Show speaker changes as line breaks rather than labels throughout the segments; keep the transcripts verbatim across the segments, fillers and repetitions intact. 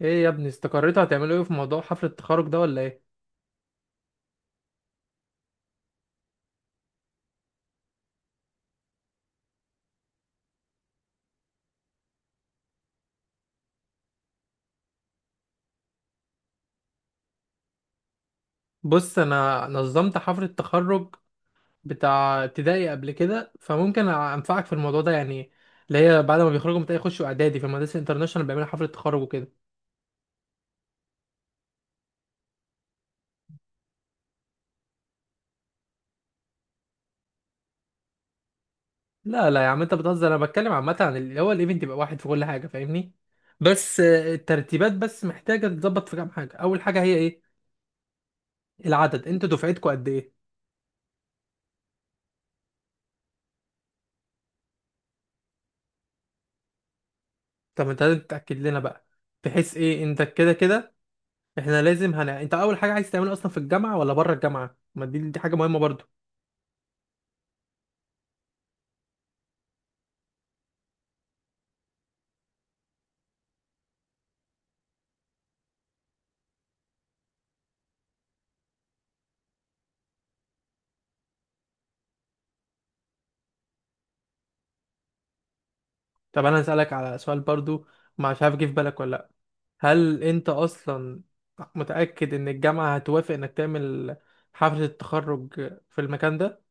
ايه يا ابني استقريتوا هتعملوا ايه في موضوع حفلة التخرج ده ولا ايه؟ بص، انا نظمت حفلة التخرج بتاع ابتدائي قبل كده، فممكن انفعك في الموضوع ده يعني. اللي هي بعد ما بيخرجوا من ابتدائي يخشوا اعدادي في المدارس الانترناشونال بيعملوا حفلة تخرج وكده. لا لا يا عم، انت بتهزر، انا بتكلم عامة عن اللي هو الايفنت، يبقى واحد في كل حاجة، فاهمني؟ بس آه، الترتيبات بس محتاجة تتظبط في كام حاجة. اول حاجة هي ايه؟ العدد، انتوا دفعتكوا قد ايه؟ طب انت لازم تتأكد لنا بقى، بحيث ايه، انت كده كده احنا لازم هن... انت اول حاجه عايز تعمله اصلا في الجامعه ولا بره الجامعه؟ ما دي دي حاجه مهمه برضو. طب انا هسالك على سؤال برضو، مش عارف جه في بالك ولا لا. هل انت اصلا متاكد ان الجامعه هتوافق انك تعمل حفله التخرج في المكان ده؟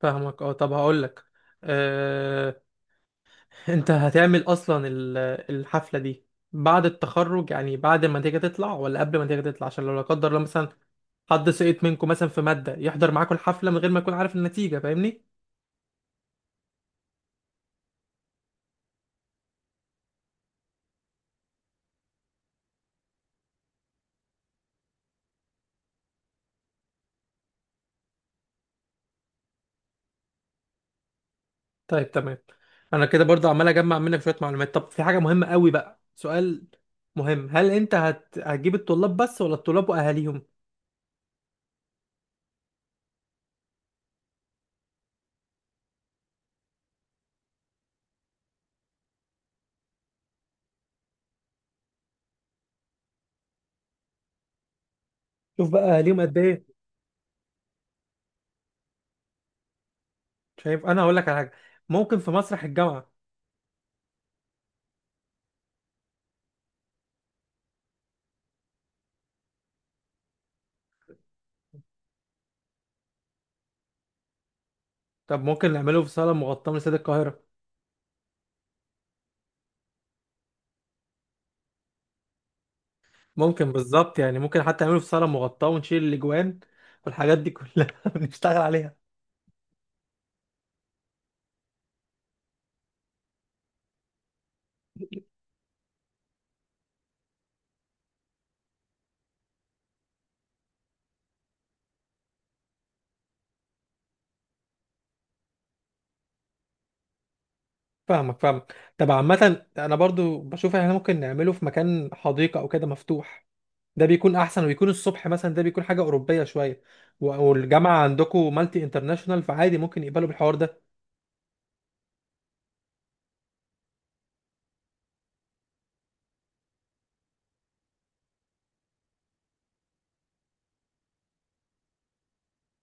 فاهمك، اه. طب هقول لك، اه... انت هتعمل اصلا ال- الحفله دي بعد التخرج، يعني بعد ما النتيجه تطلع، ولا قبل ما النتيجه تطلع؟ عشان لو لا قدر الله مثلا حد سقط منكم مثلا في ماده يحضر معاكم الحفله من غير ما يكون عارف النتيجه، فاهمني؟ طيب تمام، انا كده برضه عمال اجمع منك شويه معلومات. طب في حاجه مهمه قوي بقى، سؤال مهم. هل انت هت... هتجيب الطلاب بس ولا الطلاب واهاليهم؟ شوف بقى، اهاليهم قد ايه؟ شايف، انا هقول لك على حاجه، ممكن في مسرح الجامعه. طب ممكن نعمله في صاله مغطاه من استاد القاهره. ممكن بالظبط يعني، ممكن حتى نعمله في صاله مغطاه ونشيل الاجوان والحاجات دي كلها. بنشتغل عليها. فاهمك فاهمك طب عامه انا برضو بشوف احنا ممكن نعمله في مكان حديقه او كده مفتوح، ده بيكون احسن، ويكون الصبح مثلا، ده بيكون حاجه اوروبيه شويه. و- والجامعه عندكم مالتي انترناشونال، فعادي ممكن يقبلوا بالحوار ده.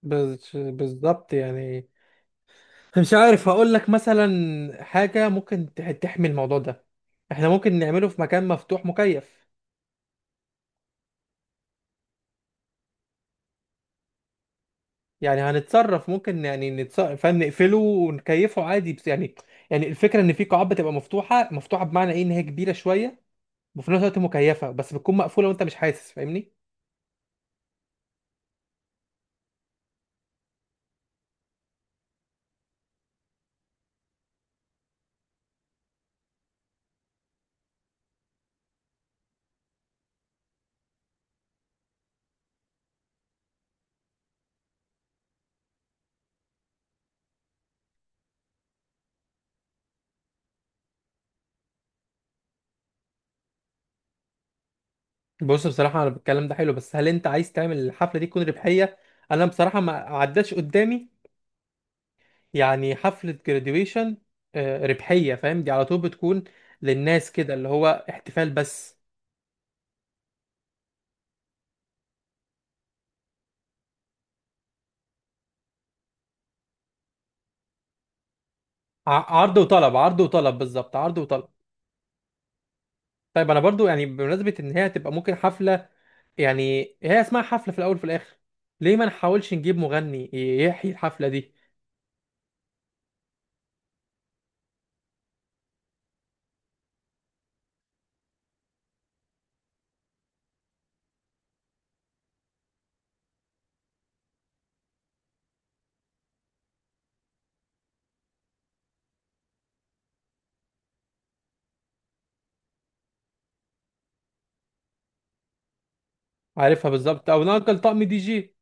بز- بالظبط يعني. مش عارف، هقول لك مثلا حاجه ممكن تح- تحمي الموضوع ده، احنا ممكن نعمله في مكان مفتوح مكيف. يعني هنتصرف، ممكن يعني نتصرف، فاهم؟ نقفله ونكيفه عادي، بس يعني، يعني الفكره ان في قاعات بتبقى مفتوحه. مفتوحه بمعنى ايه؟ ان هي كبيره شويه وفي نفس الوقت مكيفه، بس بتكون مقفوله وانت مش حاسس، فاهمني؟ بص بصراحة أنا الكلام ده حلو، بس هل أنت عايز تعمل الحفلة دي تكون ربحية؟ أنا بصراحة ما عداش قدامي يعني حفلة graduation آه، ربحية، فاهم؟ دي على طول بتكون للناس كده اللي هو احتفال بس. ع- عرض وطلب، عرض وطلب، بالظبط، عرض وطلب. طيب أنا برضو يعني، بمناسبة إن هي هتبقى ممكن حفلة، يعني هي اسمها حفلة في الأول وفي الآخر، ليه ما نحاولش نجيب مغني يحيي الحفلة دي؟ عارفها بالظبط، أو نأجل طقم دي جي.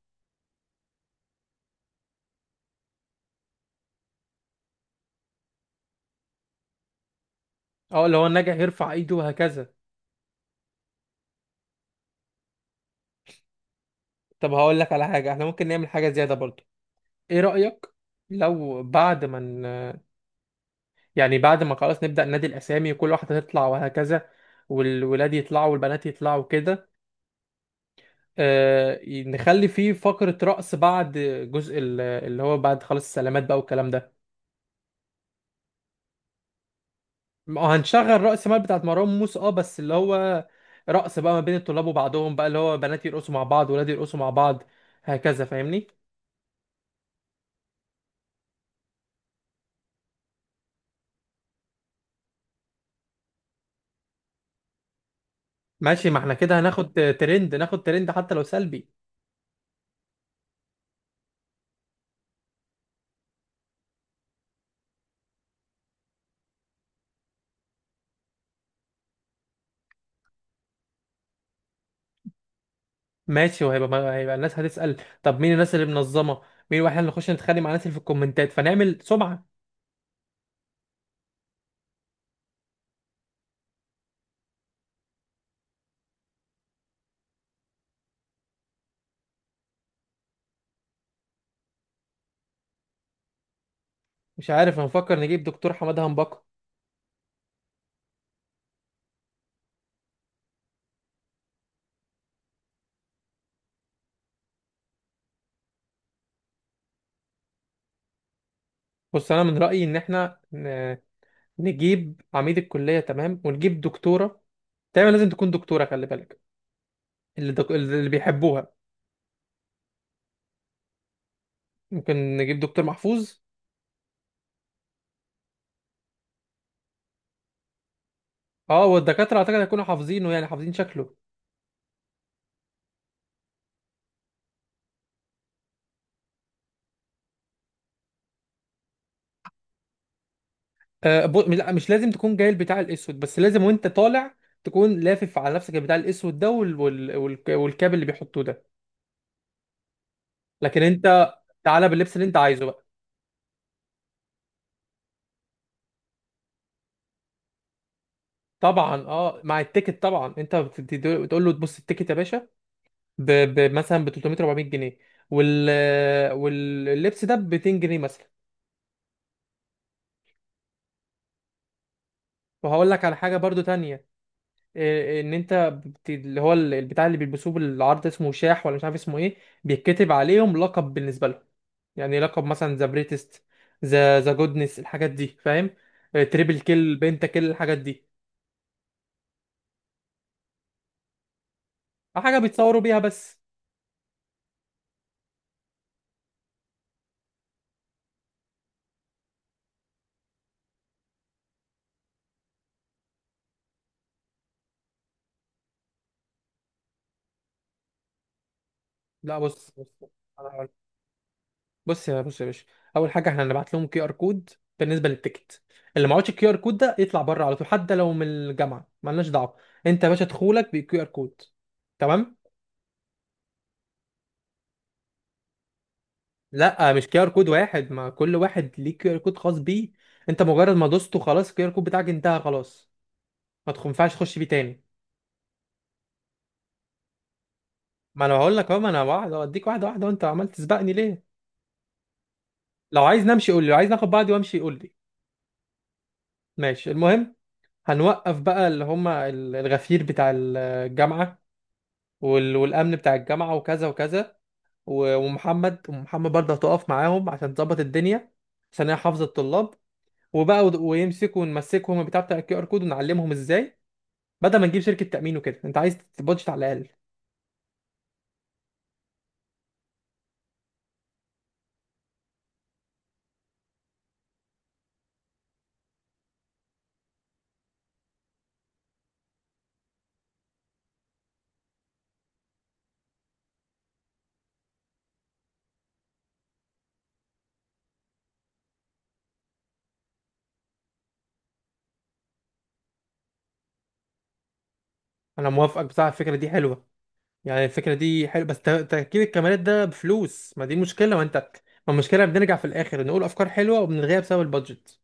أو اللي هو الناجح يرفع إيده وهكذا. طب هقول لك على حاجة، احنا ممكن نعمل حاجة زيادة برضو، ايه رأيك؟ لو بعد ما ن... يعني بعد ما خلاص نبدأ نادي الأسامي وكل واحدة تطلع وهكذا، والولاد يطلعوا والبنات يطلعوا كده، آه نخلي فيه فقرة رقص بعد جزء ال- اللي هو بعد خلاص السلامات بقى والكلام ده. ما هنشغل رأس مال بتاعت مروان موسى اه، بس اللي هو رقص بقى ما بين الطلاب وبعضهم بقى، اللي هو بنات يرقصوا مع بعض، ولاد يرقصوا مع بعض، هكذا فاهمني؟ ماشي، ما احنا كده هناخد ترند، ناخد ترند حتى لو سلبي. ماشي، وهيبقى ما- هيبقى الناس هتسأل طب مين الناس اللي منظمة؟ مين؟ واحنا اللي نخش نتخانق مع الناس اللي في الكومنتات فنعمل سمعة. مش عارف، هنفكر نجيب دكتور حماده هنبكة. بص انا من رأيي ان احنا ن- نجيب عميد الكلية، تمام، ونجيب دكتورة، دايما لازم تكون دكتورة، خلي بالك. اللي دك... اللي بيحبوها. ممكن نجيب دكتور محفوظ. اه والدكاترة اعتقد هيكونوا حافظينه، يعني حافظين شكله. آه ب... لا، مش لازم تكون جاي البتاع الاسود، بس لازم وانت طالع تكون لافف على نفسك البتاع الاسود ده وال... وال... والك- والكاب اللي بيحطوه ده. لكن انت تعالى باللبس اللي انت عايزه بقى. طبعا اه، مع التيكت طبعا انت بتقول له تبص التيكت يا باشا ب... ب... مثلا ب تلتمية اربعمية جنيه، وال... واللبس ده ب ميتين جنيه مثلا. وهقول لك على حاجه برضو تانية، إيه، ان انت بت... اللي هو ال- البتاع اللي بيلبسوه بالعرض اسمه شاح ولا مش عارف اسمه ايه، بيتكتب عليهم لقب بالنسبه لهم، يعني لقب مثلا ذا بريتست، ذا ذا جودنس، الحاجات دي فاهم، آه، تريبل كيل، بنتا كيل، الحاجات دي، حاجه بيتصوروا بيها بس. لا بص، بص بص يا بص يا باشا، اول حاجه احنا هنبعت لهم كيو ار كود بالنسبه للتيكت، اللي معهوش الكيو ار كود ده يطلع بره على طول حتى لو من الجامعه مالناش دعوه، انت يا باشا دخولك بالكيو ار كود، تمام؟ لا، مش كيو ار كود واحد، ما كل واحد ليه كيو ار كود خاص بيه، انت مجرد ما دوسته خلاص الكيو ار كود بتاعك انتهى خلاص، ما تخ- ما ينفعش تخش بيه تاني. ما انا بقول لك اهو، ما انا واحد اوديك واحده واحده وانت عمال تسبقني ليه؟ لو عايز نمشي قول لي، لو عايز ناخد بعضي وامشي قول لي. ماشي، المهم هنوقف بقى اللي هم الغفير بتاع الجامعه وال... والامن بتاع الجامعه وكذا وكذا و... ومحمد ومحمد برضه هتقف معاهم عشان تظبط الدنيا، عشان هي حافظه الطلاب. وبقى ود- ويمسكوا، ونمسكهم البتاع بتاع الكيو ار كود ونعلمهم ازاي، بدل ما نجيب شركه تامين وكده، انت عايز بادجت على الاقل. انا موافقك بصراحه، الفكره دي حلوه، يعني الفكره دي حلوه، بس ت- تركيب الكاميرات ده بفلوس، ما دي مشكله، ما انت، ما المشكله بنرجع في الاخر نقول افكار حلوه وبنلغيها بسبب البادجت.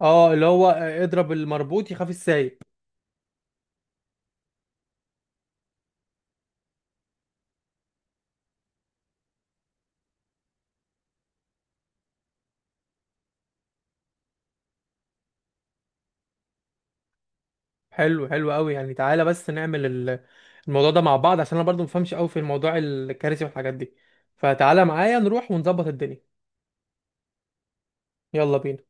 اه اللي هو آه، اضرب المربوط يخاف السايق. حلو، حلو قوي، يعني تعالى بس نعمل ال- الموضوع ده مع بعض عشان انا برضو مفهمش قوي في الموضوع الكارثي والحاجات دي، فتعالى معايا نروح ونظبط الدنيا. يلا بينا.